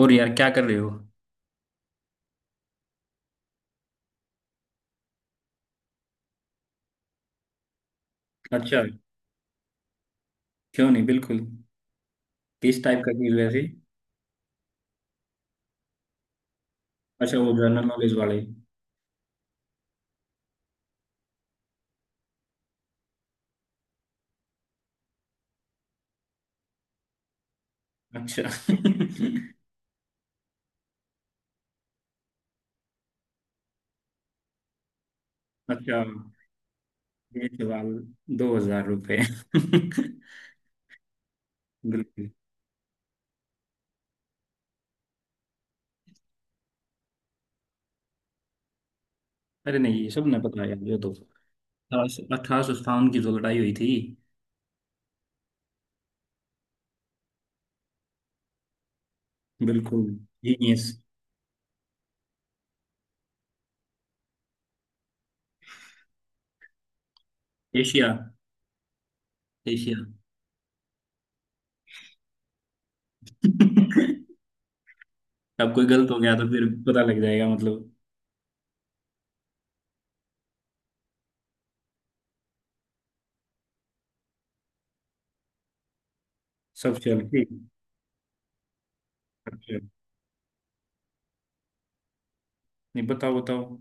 और यार क्या कर रहे हो? अच्छा, क्यों नहीं, बिल्कुल। किस टाइप का चीज वैसे? अच्छा, वो जनरल नॉलेज वाले। अच्छा। अच्छा, ये सवाल दो हजार रुपये। बिल्कुल। अरे नहीं, ये सब ने पता है यार, ये तो 1857 की जो लड़ाई हुई थी। बिल्कुल। जीनियस। एशिया। एशिया। अब कोई गलत हो गया तो फिर पता लग जाएगा मतलब। सब चल ठीक। अच्छा, नहीं बताओ बताओ।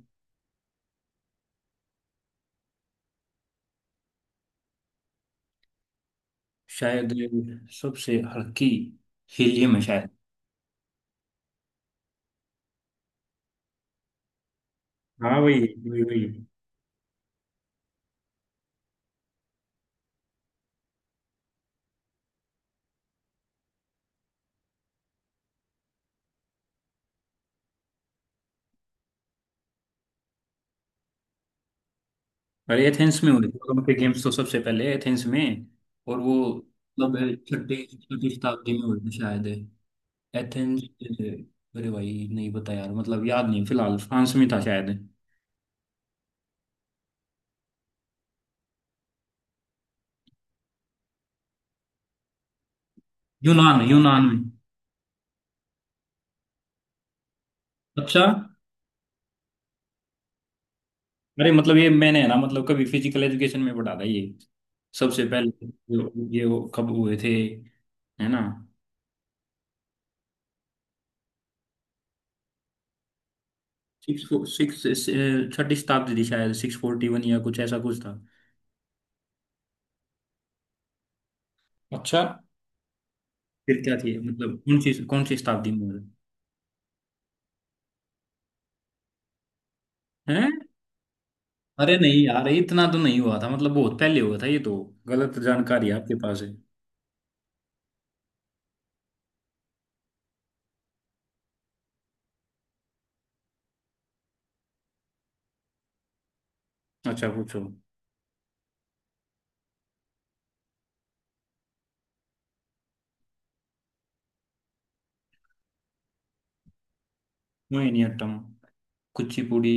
शायद सबसे हल्की हीलियम है। हाँ वही। वही। और एथेंस में हुए थे ओलंपिक गेम्स, तो सबसे पहले एथेंस में। और वो मतलब छठी छठी शताब्दी में हुए थे शायद। एथेंस। अरे भाई नहीं पता यार, मतलब याद नहीं फिलहाल, फ्रांस में था शायद। यूनान, यूनान में। अच्छा। अरे मतलब ये मैंने है ना, मतलब कभी फिजिकल एजुकेशन में पढ़ा था ये। सबसे पहले ये वो कब हुए थे, है ना। सिक्स। सिक्स। छठी शताब्दी थी शायद, 641 या कुछ ऐसा कुछ था। अच्छा, फिर क्या थी मतलब कौन सी शताब्दी में हुआ था? हैं? अरे नहीं यार, इतना तो नहीं हुआ था, मतलब बहुत पहले हुआ था ये तो। गलत जानकारी आपके पास है। अच्छा पूछो। मोहिनीअट्टम। कुचिपुड़ी।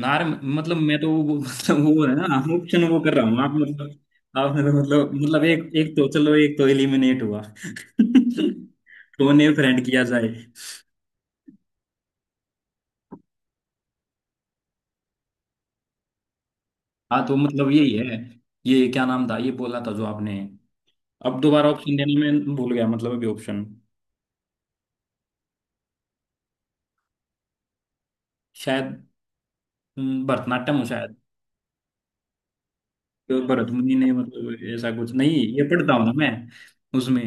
नार मतलब मैं तो वो, मतलब वो है ना ऑप्शन वो कर रहा हूँ आप मतलब। आपने तो मतलब मतलब एक, एक तो चलो एक तो एलिमिनेट हुआ। टोने फ्रेंड किया जाए। हाँ, तो मतलब यही है। ये क्या नाम था ये बोला था जो आपने? अब दोबारा ऑप्शन देने में भूल गया, मतलब अभी ऑप्शन। शायद। भरतनाट्यम हूँ शायद। तो भरत मुनि ने, मतलब ऐसा कुछ नहीं, ये पढ़ता हूँ ना मैं उसमें।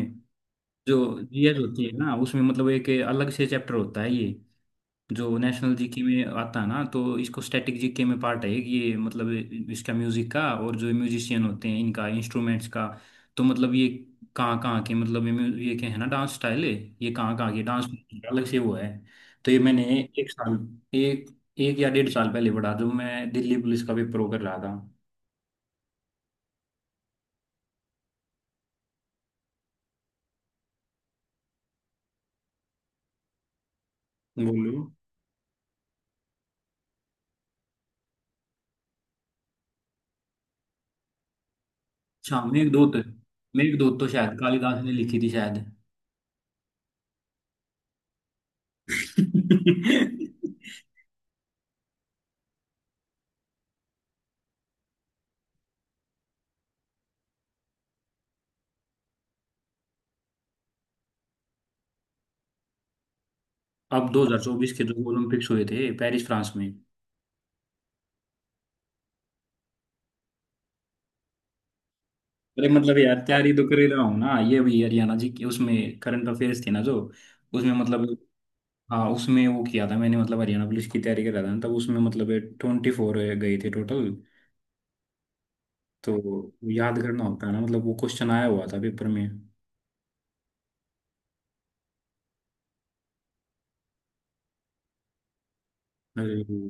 जो जीएस होती है ना, उसमें मतलब एक अलग से चैप्टर होता है ये, जो नेशनल जीके में आता है ना, तो इसको स्टैटिक जीके में पार्ट है कि ये मतलब इसका, म्यूजिक का, और जो म्यूजिशियन होते हैं इनका, इंस्ट्रूमेंट्स का। तो मतलब ये कहाँ कहाँ के, मतलब ये ये क्या है ना, डांस स्टाइल है, ये कहाँ कहाँ के डांस, अलग से वो है। तो ये मैंने एक साल, एक, एक या डेढ़ साल पहले पढ़ा, जो मैं दिल्ली पुलिस का पेपर वो कर रहा था। बोलो। अच्छा, मेघदूत। मेघदूत तो शायद कालिदास ने लिखी थी शायद। अब 2024 के जो ओलंपिक्स हुए थे पेरिस, फ्रांस में। अरे मतलब यार तैयारी तो कर ही रहा हूँ ना, ये भी हरियाणा जी की उसमें करंट अफेयर्स थी ना, जो उसमें मतलब, हाँ उसमें वो किया था मैंने, मतलब हरियाणा पुलिस की तैयारी कर रहा था ना, तब उसमें मतलब 24 गए थे टोटल। तो याद करना होता है ना, मतलब वो क्वेश्चन आया हुआ था पेपर में। अरे,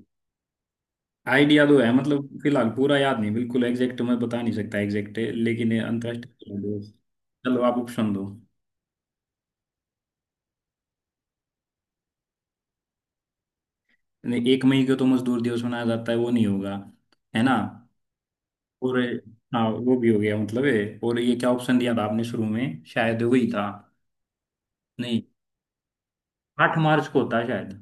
आइडिया तो है मतलब, फिलहाल पूरा याद नहीं बिल्कुल, एग्जैक्ट मैं बता नहीं सकता एग्जैक्ट, लेकिन ये अंतर्राष्ट्रीय श्रम दिवस। चलो आप ऑप्शन दो। नहीं, 1 मई को तो मजदूर दिवस मनाया जाता है, वो नहीं होगा, है ना। और हाँ वो भी हो गया मतलब है, और ये क्या ऑप्शन दिया था आपने शुरू में, शायद वही था। नहीं, 8 मार्च को होता है शायद।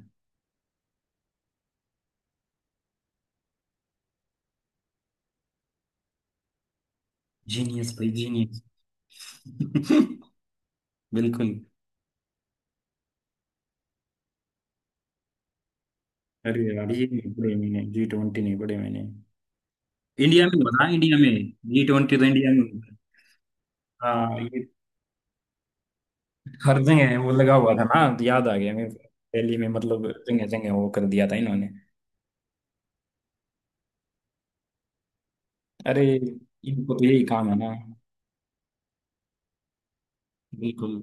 जीनियस भाई जीनियस। बिल्कुल। अरे यार ये नहीं पढ़े मैंने, G20 नहीं पढ़े मैंने। इंडिया में होता है, इंडिया में। जी ट्वेंटी तो इंडिया में होता है। हाँ, हरदंग है, वो लगा हुआ था ना, याद आ गया मेरे को। रैली में मतलब जगह जगह वो कर दिया था इन्होंने। अरे इनको तो यही काम है ना। बिल्कुल।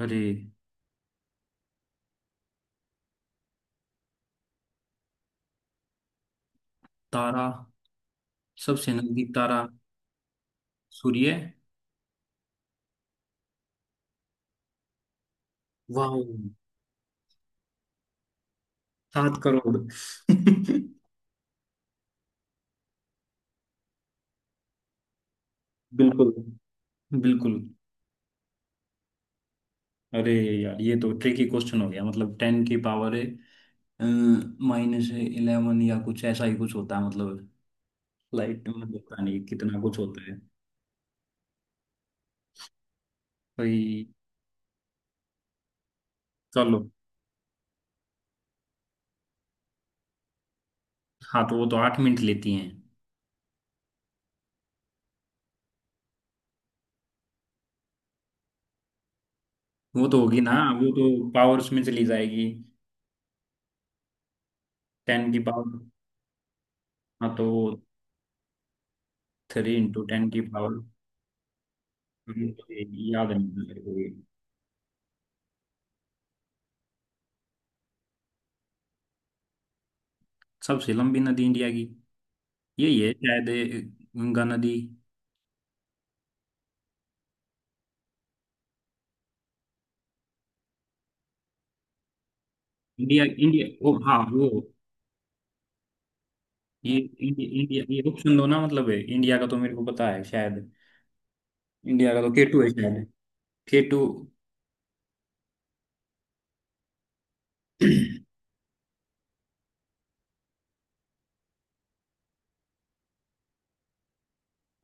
अरे तारा, सबसे नजदीक तारा सूर्य। वाह। 7 करोड़। बिल्कुल। बिल्कुल। अरे यार ये तो ट्रिकी क्वेश्चन हो गया, मतलब टेन की पावर है -11 या कुछ ऐसा ही कुछ होता है, मतलब लाइट, मतलब पता नहीं कितना कुछ होता है भाई। चलो। हाँ, तो वो तो 8 मिनट लेती हैं। वो तो होगी ना, वो तो पावर उसमें चली जाएगी, टेन की पावर। हाँ, तो थ्री इंटू टेन की पावर। याद नहीं मेरे को ये। सबसे लंबी नदी इंडिया की, यही है शायद ये, गंगा नदी। इंडिया, इंडिया, ओ हाँ वो, ये इंडिया, इंडिया ये ऑप्शन दो ना, मतलब है इंडिया का तो मेरे को पता है शायद। इंडिया का तो केटू है शायद। केटू।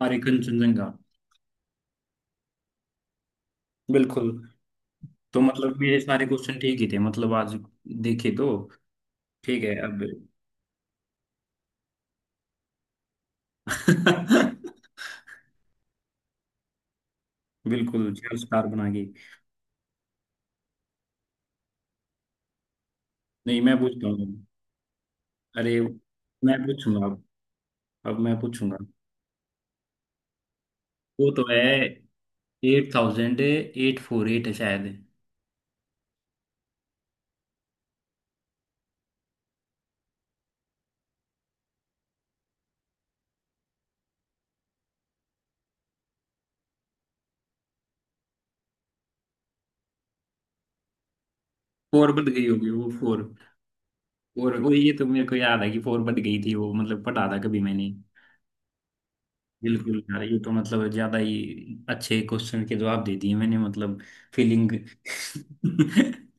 हमारे कंचनजंगा। बिल्कुल। तो मतलब मेरे सारे क्वेश्चन ठीक ही थे, मतलब आज देखे तो। ठीक है अब। बिल्कुल चार स्टार बनाएगी। नहीं मैं पूछता हूँ। अरे मैं पूछूंगा अब मैं पूछूंगा। वो तो है, 8848 है शायद। फोर बढ़ गई होगी, वो फोर। और वो, ये तो मेरे को याद है कि फोर बढ़ गई थी वो, मतलब पढ़ा था कभी मैंने। बिल्कुल यार, ये तो मतलब ज्यादा ही अच्छे क्वेश्चन के जवाब दे दिए मैंने, मतलब फीलिंग।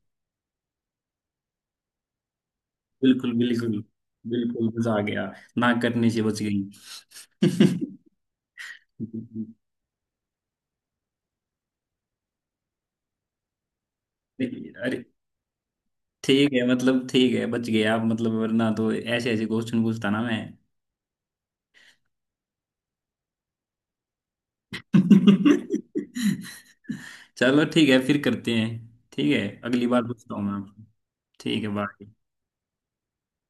बिल्कुल। बिल्कुल। बिल्कुल मजा आ गया। ना करने से बच गई। देखिए। अरे ठीक है मतलब, ठीक है बच गए आप, मतलब वरना तो ऐसे ऐसे क्वेश्चन पूछता ना मैं। चलो ठीक है, फिर करते हैं। ठीक है, अगली बार पूछता हूँ मैं आपको। ठीक है, बाय।